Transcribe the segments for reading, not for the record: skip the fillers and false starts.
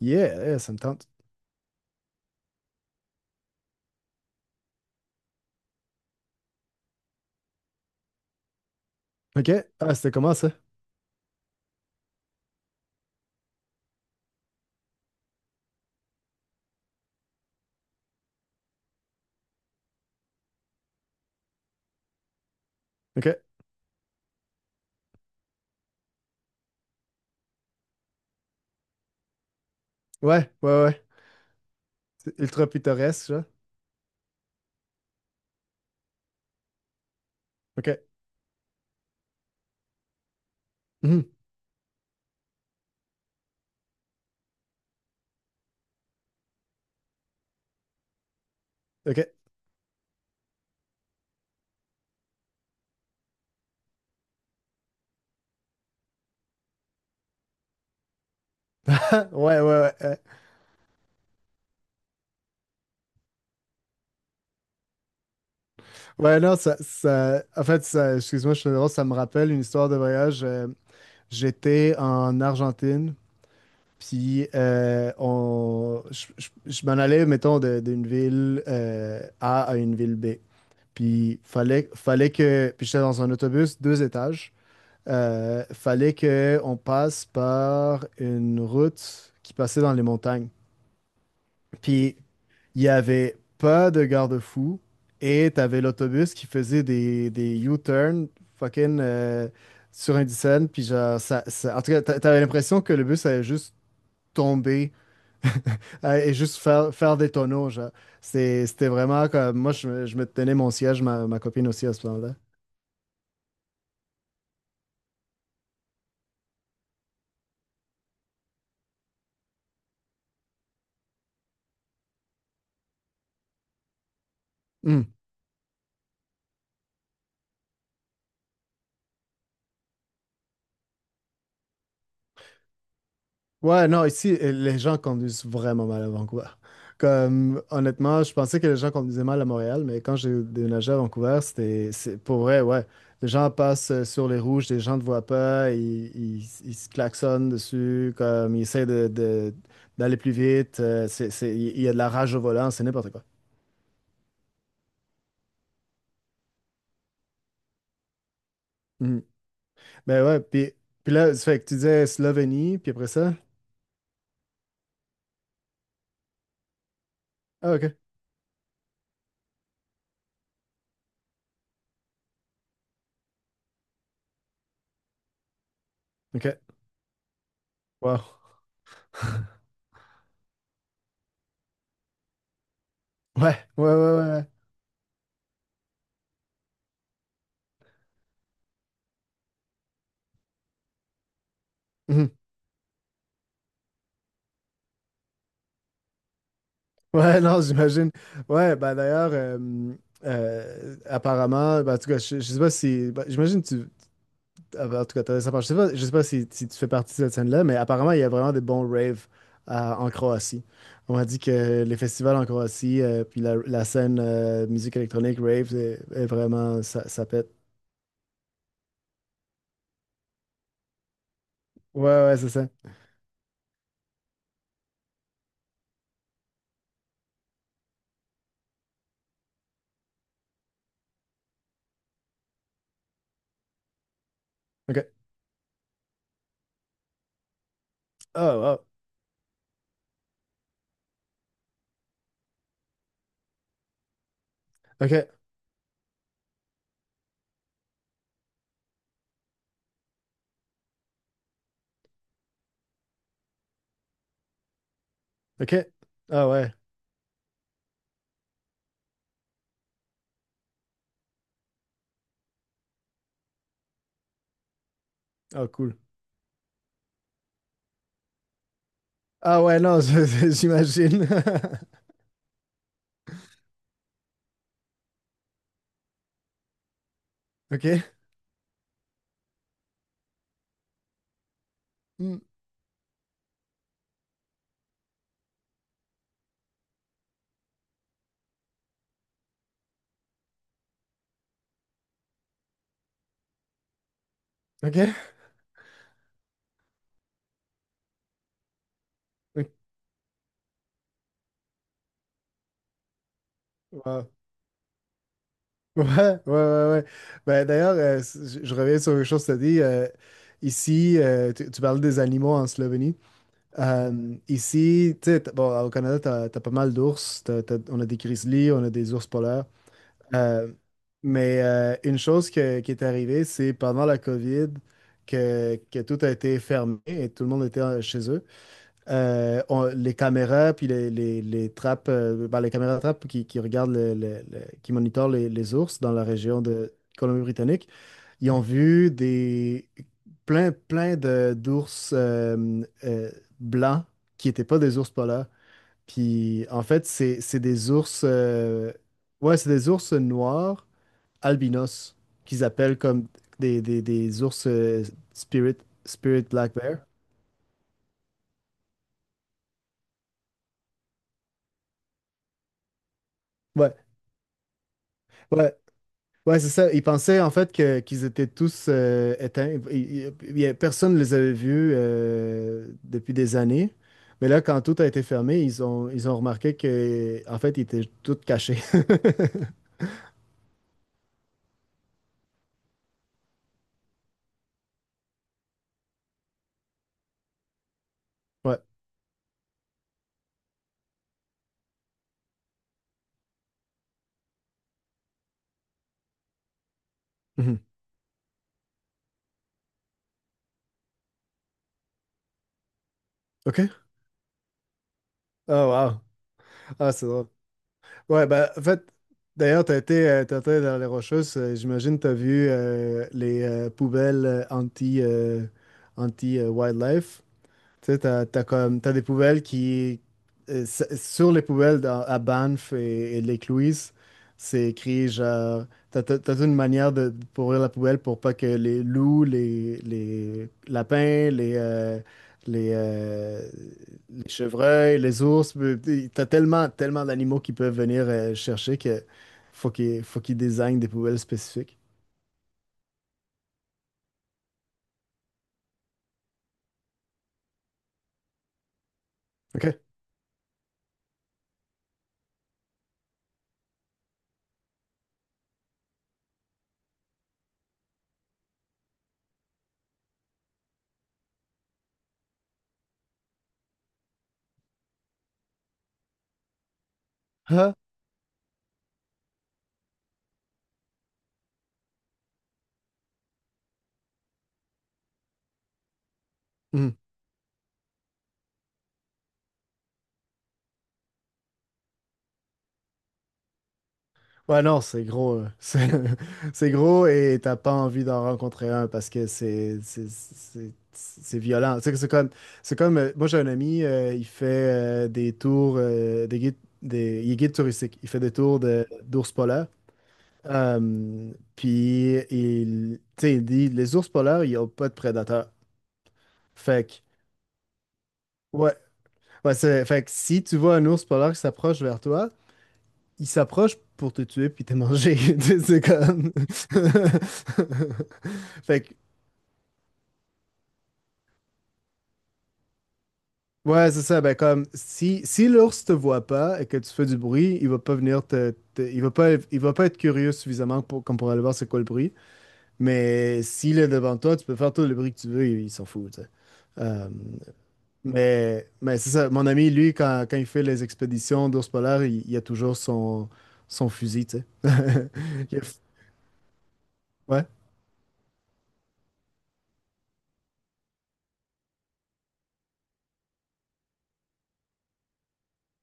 Yeah, ça me tente. OK. Ah, c'était comment ça? OK. Ouais, ouais, ouais. C'est ultra pittoresque, ça. OK. Mhm. OK. Ouais, ouais, ouais. Ouais, non, En fait, ça, excuse-moi, je suis drôle, ça me rappelle une histoire de voyage. J'étais en Argentine, puis je m'en allais, mettons, d'une ville A à une ville B. Puis fallait. Puis j'étais dans un autobus, deux étages. Fallait qu'on passe par une route qui passait dans les montagnes. Puis il n'y avait pas de garde-fou et tu avais l'autobus qui faisait des U-turns fucking sur Indiana. Puis genre, en tout cas, t'avais l'impression que le bus allait juste tomber et juste faire des tonneaux. Genre. C'était vraiment comme. Moi, je me tenais mon siège, ma copine aussi à ce moment-là. Ouais, non, ici, les gens conduisent vraiment mal à Vancouver. Comme, honnêtement, je pensais que les gens conduisaient mal à Montréal, mais quand j'ai déménagé à Vancouver, c'est pour vrai, ouais. Les gens passent sur les rouges, les gens ne te voient pas, ils se klaxonnent dessus, comme, ils essaient d'aller plus vite, il y a de la rage au volant, c'est n'importe quoi. Mhm. Ben ouais, puis là, ça fait que tu disais Slovénie, puis après ça? Ah, ok, ok. Wow. Ouais, ouais, ouais, ouais. Ouais. Mm-hmm. Ouais, non, j'imagine. Ouais, ben d'ailleurs, apparemment, ben, en tout cas, je sais pas si. Ben, j'imagine que tu. Ah, ben, en tout cas, t'as ça, je sais pas si, si tu fais partie de cette scène-là, mais apparemment, il y a vraiment des bons raves en Croatie. On m'a dit que les festivals en Croatie, puis la scène musique électronique, rave, est vraiment. Ça pète. Ouais, ouais, c'est ça. OK. Oh, wow. OK. OK. Ah, ouais. Oh, cool. Ah, ouais, non, j'imagine. OK. Hmm. OK. OK. Ouais, ouais, ouais, ouais. Ouais. Ben, d'ailleurs, je reviens sur une chose que tu as dit. Ici, tu parles des animaux en Slovénie. Ici, tu sais, bon, au Canada, tu as, pas mal d'ours. On a des grizzlies, on a des ours polaires. Euh, mais une chose qui est arrivée, c'est pendant la COVID que tout a été fermé et tout le monde était chez eux les caméras, puis les trappes, ben, les caméras trappes qui regardent, qui monitorent les ours dans la région de Colombie-Britannique, ils ont vu plein d'ours blancs qui n'étaient pas des ours polaires. Puis en fait, c'est des ours, ouais, c'est des ours noirs albinos qu'ils appellent comme des ours spirit, spirit black bear. Ouais. Ouais, ouais, c'est ça. Ils pensaient en fait que qu'ils étaient tous éteints. Personne ne les avait vus depuis des années. Mais là, quand tout a été fermé, ils ont remarqué que en fait, ils étaient tous cachés. Ouais. Mhm. OK. Oh, wow. Ah, c'est drôle. Ouais, ben, en fait, d'ailleurs, t'as été dans les Rocheuses. J'imagine t'as vu les poubelles anti-wildlife. Tu sais, t'as des poubelles qui, sur les poubelles à Banff et Lake-Louise, c'est écrit genre, t'as toute une manière pour ouvrir la poubelle pour pas que les loups, les lapins, les, euh, les chevreuils, les ours, t'as tellement, tellement d'animaux qui peuvent venir chercher que faut qu'ils désignent des poubelles spécifiques. OK. Ah. Ouais, non, c'est gros. C'est gros et t'as pas envie d'en rencontrer un parce que c'est violent. Tu sais que c'est comme, moi j'ai un ami, il fait des tours, des guides, il est guide touristique. Il fait des tours de d'ours polaires. Puis tu sais, il dit les ours polaires, ils ont pas de prédateurs. Fait que, ouais, ouais, fait que si tu vois un ours polaire qui s'approche vers toi, il s'approche pour te tuer puis t'es mangé. Tu sais, c'est comme. Fait que, ouais, c'est ça. Ben, comme, si l'ours te voit pas et que tu fais du bruit, il va pas venir il va pas être curieux suffisamment comme pour aller voir c'est quoi le bruit. Mais s'il est devant toi, tu peux faire tout le bruit que tu veux, il s'en fout, tu sais. Euh, mais c'est ça. Mon ami, lui, quand il fait les expéditions d'ours polaires, il a toujours son, fusil, tu sais. Il a- Ouais.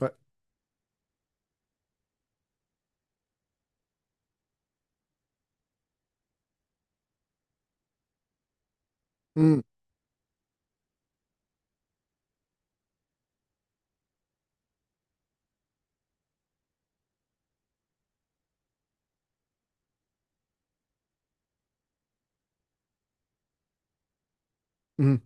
Ouais. Mm, mm.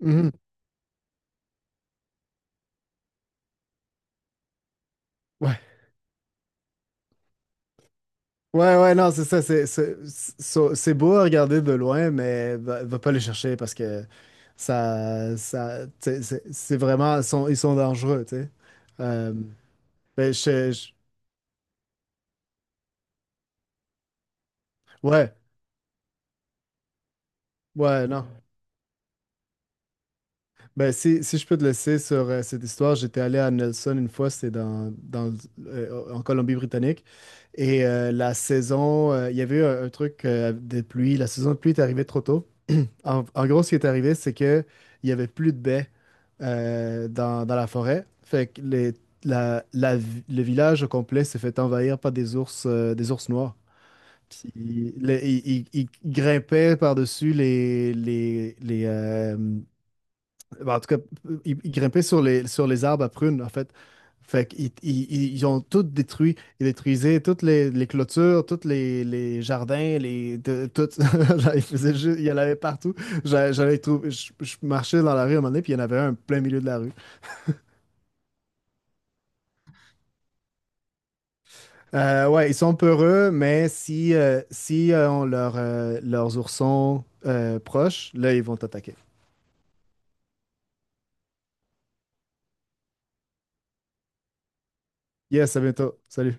Mhm. Ouais. Ouais, ouais, non, c'est ça. C'est beau à regarder de loin, mais va pas les chercher parce que tu sais, c'est vraiment, ils sont dangereux, tu sais. Euh, ben, ouais, ouais, non. Ben, si je peux te laisser sur cette histoire, j'étais allé à Nelson une fois, c'était en Colombie-Britannique. Et la saison, il y avait eu un truc de pluie. La saison de pluie est arrivée trop tôt. En gros, ce qui est arrivé, c'est que il y avait plus de baies dans la forêt. Fait que le village au complet s'est fait envahir par des ours noirs. Puis, Ils grimpaient par-dessus ben, en tout cas, ils grimpaient sur les arbres à prunes, en fait. Fait qu'ils ils, ils- ils ont tout détruit. Ils détruisaient toutes les clôtures, tous les jardins, tout. Genre, ils faisaient juste, il y en avait partout. Je marchais dans la rue à un moment donné, puis il y en avait un en plein milieu de la rue. Ouais, ils sont peureux, mais si on leurs oursons proches, là, ils vont t'attaquer. Yes, à bientôt. Salut.